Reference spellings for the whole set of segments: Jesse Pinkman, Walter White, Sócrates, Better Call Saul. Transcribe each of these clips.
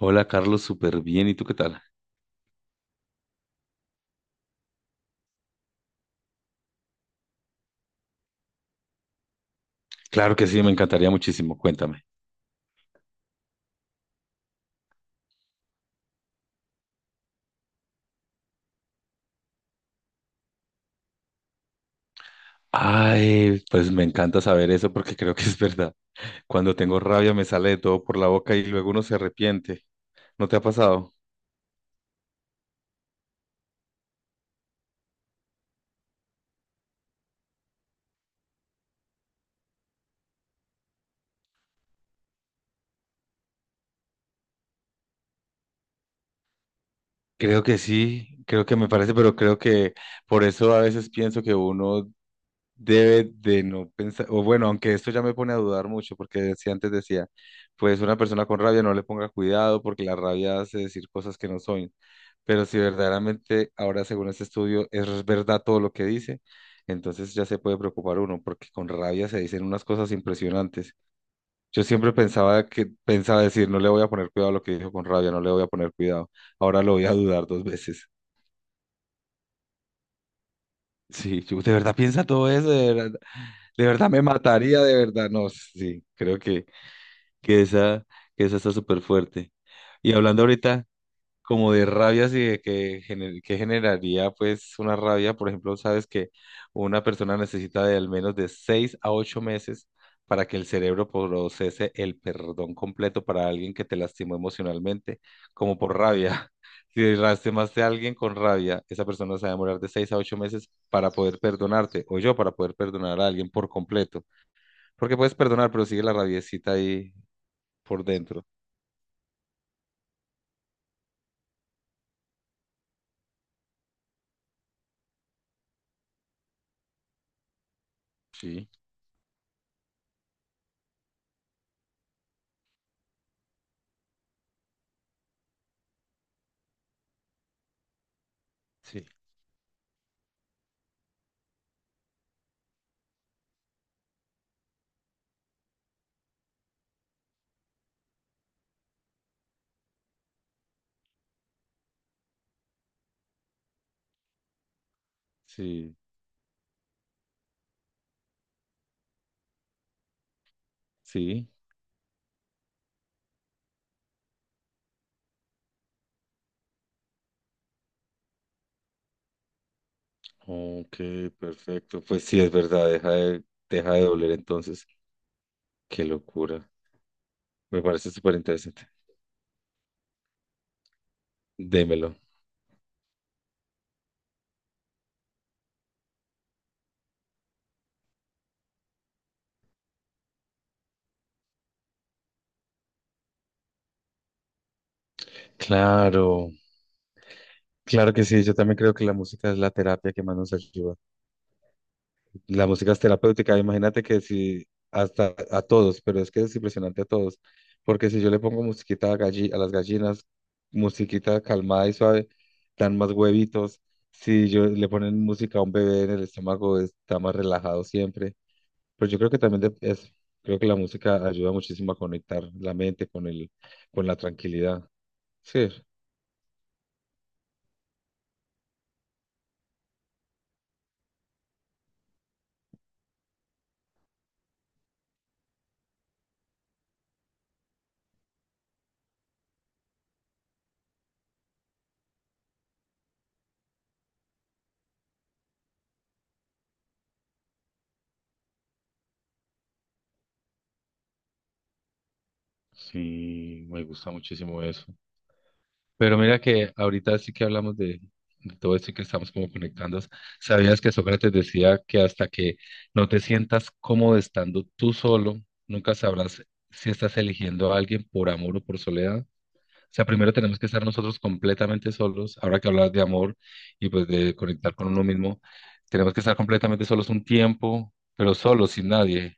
Hola Carlos, súper bien. ¿Y tú qué tal? Claro que sí, me encantaría muchísimo. Cuéntame. Ay, pues me encanta saber eso porque creo que es verdad. Cuando tengo rabia me sale de todo por la boca y luego uno se arrepiente. ¿No te ha pasado? Creo que sí, creo que me parece, pero creo que por eso a veces pienso que uno debe de no pensar, o bueno, aunque esto ya me pone a dudar mucho, porque si antes decía, pues una persona con rabia no le ponga cuidado porque la rabia hace decir cosas que no son. Pero si verdaderamente ahora, según este estudio, es verdad todo lo que dice, entonces ya se puede preocupar uno, porque con rabia se dicen unas cosas impresionantes. Yo siempre pensaba que, pensaba decir, no le voy a poner cuidado a lo que dijo con rabia, no le voy a poner cuidado. Ahora lo voy a dudar dos veces. Sí, yo de verdad piensa todo eso, de verdad. De verdad me mataría, de verdad. No, sí, creo que esa, que esa está súper fuerte. Y hablando ahorita como de rabias y de que generaría pues una rabia, por ejemplo, sabes que una persona necesita de al menos de 6 a 8 meses para que el cerebro procese el perdón completo para alguien que te lastimó emocionalmente, como por rabia. Si lastimaste a alguien con rabia, esa persona se va a demorar de 6 a 8 meses para poder perdonarte, o yo para poder perdonar a alguien por completo. Porque puedes perdonar, pero sigue la rabiecita ahí por dentro. Sí, sí, sí, sí. Ok, perfecto. Pues sí, es verdad, deja de doler entonces. Qué locura. Me parece súper interesante. Démelo. Claro, claro que sí, yo también creo que la música es la terapia que más nos ayuda. La música es terapéutica, imagínate que si hasta a todos, pero es que es impresionante a todos, porque si yo le pongo musiquita a, a las gallinas, musiquita calmada y suave, dan más huevitos, si yo le ponen música a un bebé en el estómago, está más relajado siempre, pero yo creo que también creo que la música ayuda muchísimo a conectar la mente con la tranquilidad, sí. Sí, me gusta muchísimo eso. Pero mira que ahorita sí que hablamos de todo esto y que estamos como conectando. ¿Sabías que Sócrates decía que hasta que no te sientas cómodo estando tú solo, nunca sabrás si estás eligiendo a alguien por amor o por soledad? O sea, primero tenemos que estar nosotros completamente solos. Ahora que hablas de amor y pues de conectar con uno mismo, tenemos que estar completamente solos un tiempo, pero solos, sin nadie,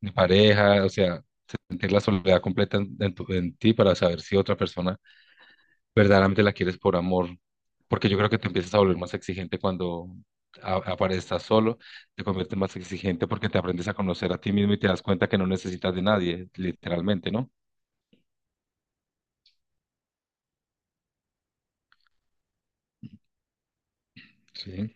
ni pareja, o sea, sentir la soledad completa en ti para saber si otra persona verdaderamente la quieres por amor, porque yo creo que te empiezas a volver más exigente cuando aparezcas solo, te conviertes más exigente porque te aprendes a conocer a ti mismo y te das cuenta que no necesitas de nadie, literalmente, ¿no? Sí,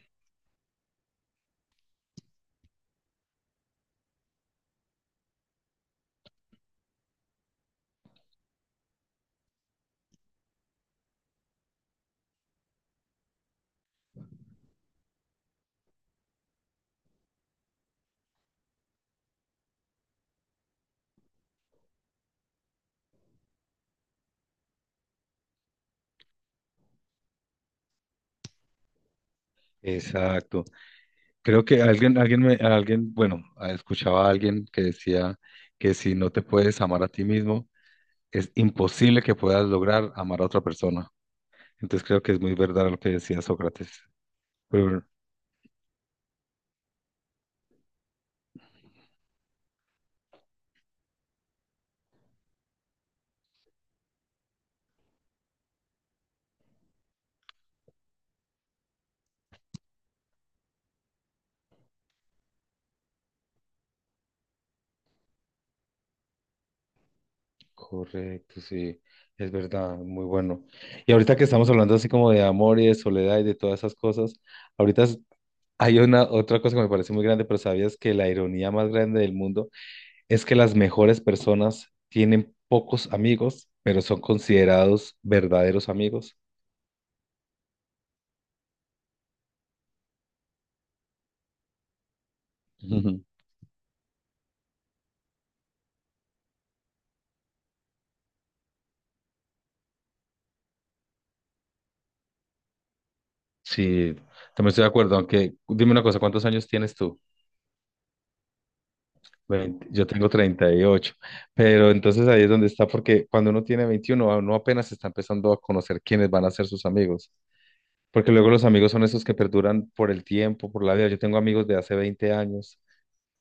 exacto. Creo que alguien, bueno, ah, escuchaba a alguien que decía que si no te puedes amar a ti mismo, es imposible que puedas lograr amar a otra persona. Entonces creo que es muy verdad lo que decía Sócrates. Pero bueno. Correcto, sí, es verdad, muy bueno. Y ahorita que estamos hablando así como de amor y de soledad y de todas esas cosas, ahorita hay una otra cosa que me parece muy grande, pero ¿sabías que la ironía más grande del mundo es que las mejores personas tienen pocos amigos, pero son considerados verdaderos amigos? Ujú. Sí, también estoy de acuerdo, aunque dime una cosa, ¿cuántos años tienes tú? 20, yo tengo 38, pero entonces ahí es donde está, porque cuando uno tiene 21 a uno apenas está empezando a conocer quiénes van a ser sus amigos, porque luego los amigos son esos que perduran por el tiempo, por la vida. Yo tengo amigos de hace 20 años,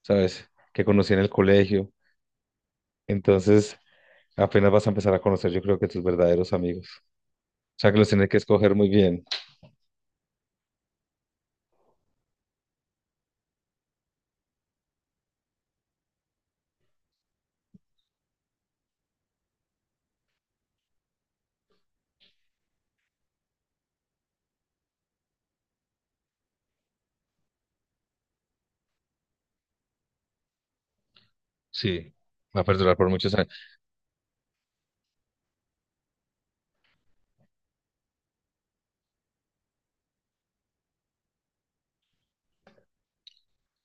¿sabes? Que conocí en el colegio, entonces apenas vas a empezar a conocer, yo creo que tus verdaderos amigos, o sea que los tienes que escoger muy bien. Sí, va a perdurar por muchos años.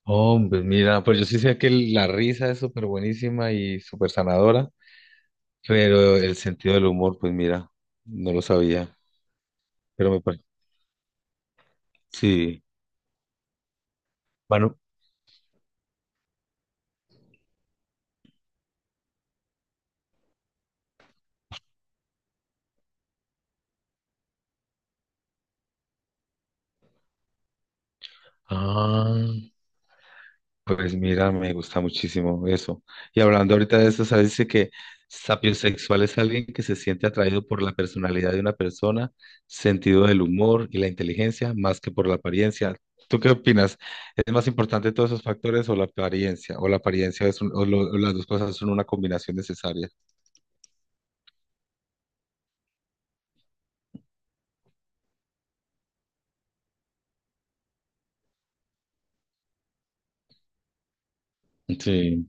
Hombre, mira, pues yo sí sé que la risa es súper buenísima y súper sanadora. Pero el sentido del humor, pues mira, no lo sabía, pero me parece. Sí, bueno, ah, pues mira, me gusta muchísimo eso. Y hablando ahorita de eso, ¿sabes? Dice que sapiosexual es alguien que se siente atraído por la personalidad de una persona, sentido del humor y la inteligencia, más que por la apariencia. ¿Tú qué opinas? ¿Es más importante todos esos factores o la apariencia? ¿O la apariencia es un- o lo- o las dos cosas son una combinación necesaria? Sí,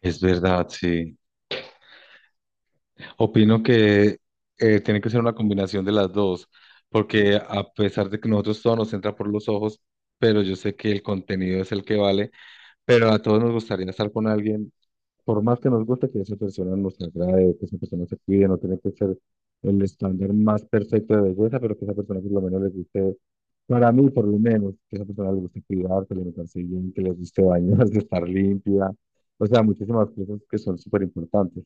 es verdad, sí. Opino que tiene que ser una combinación de las dos, porque a pesar de que nosotros todo nos entra por los ojos, pero yo sé que el contenido es el que vale, pero a todos nos gustaría estar con alguien, por más que nos guste que esa persona nos agrade, que esa persona se cuide, no tiene que ser el estándar más perfecto de belleza, pero que esa persona por lo menos le guste, para mí por lo menos, que esa persona le guste cuidarse, alimentarse bien, que le guste bañarse, estar limpia, o sea, muchísimas cosas que son súper importantes.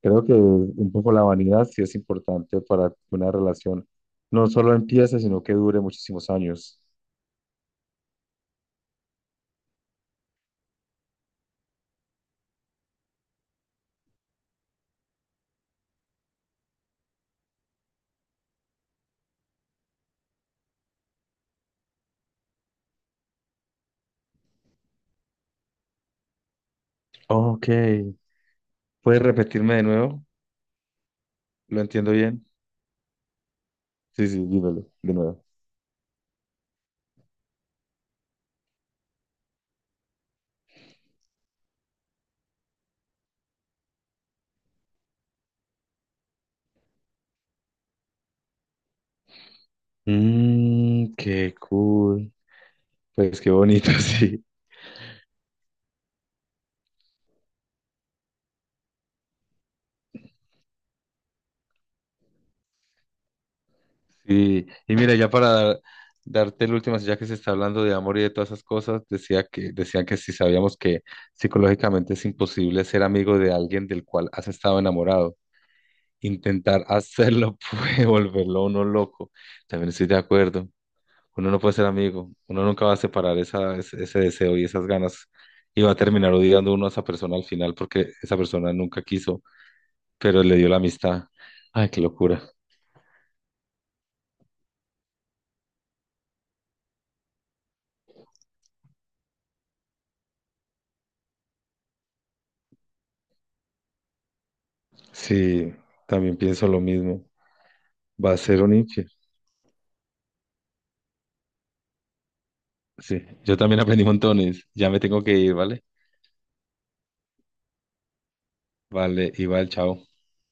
Creo que un poco la vanidad sí es importante para que una relación no solo empiece, sino que dure muchísimos años. Ok, ¿puedes repetirme de nuevo? ¿Lo entiendo bien? Sí, sí, dímelo de nuevo. Mmm, qué cool. Pues qué bonito, sí. Sí, y mira, ya para darte el último, ya que se está hablando de amor y de todas esas cosas, decían que si sabíamos que psicológicamente es imposible ser amigo de alguien del cual has estado enamorado. Intentar hacerlo puede volverlo a uno loco. También estoy de acuerdo. Uno no puede ser amigo. Uno nunca va a separar ese deseo y esas ganas. Y va a terminar odiando uno a esa persona al final porque esa persona nunca quiso, pero le dio la amistad. Ay, qué locura. Sí, también pienso lo mismo. Va a ser un infiel. Sí, yo también aprendí montones. Ya me tengo que ir, ¿vale? Vale, y va chao.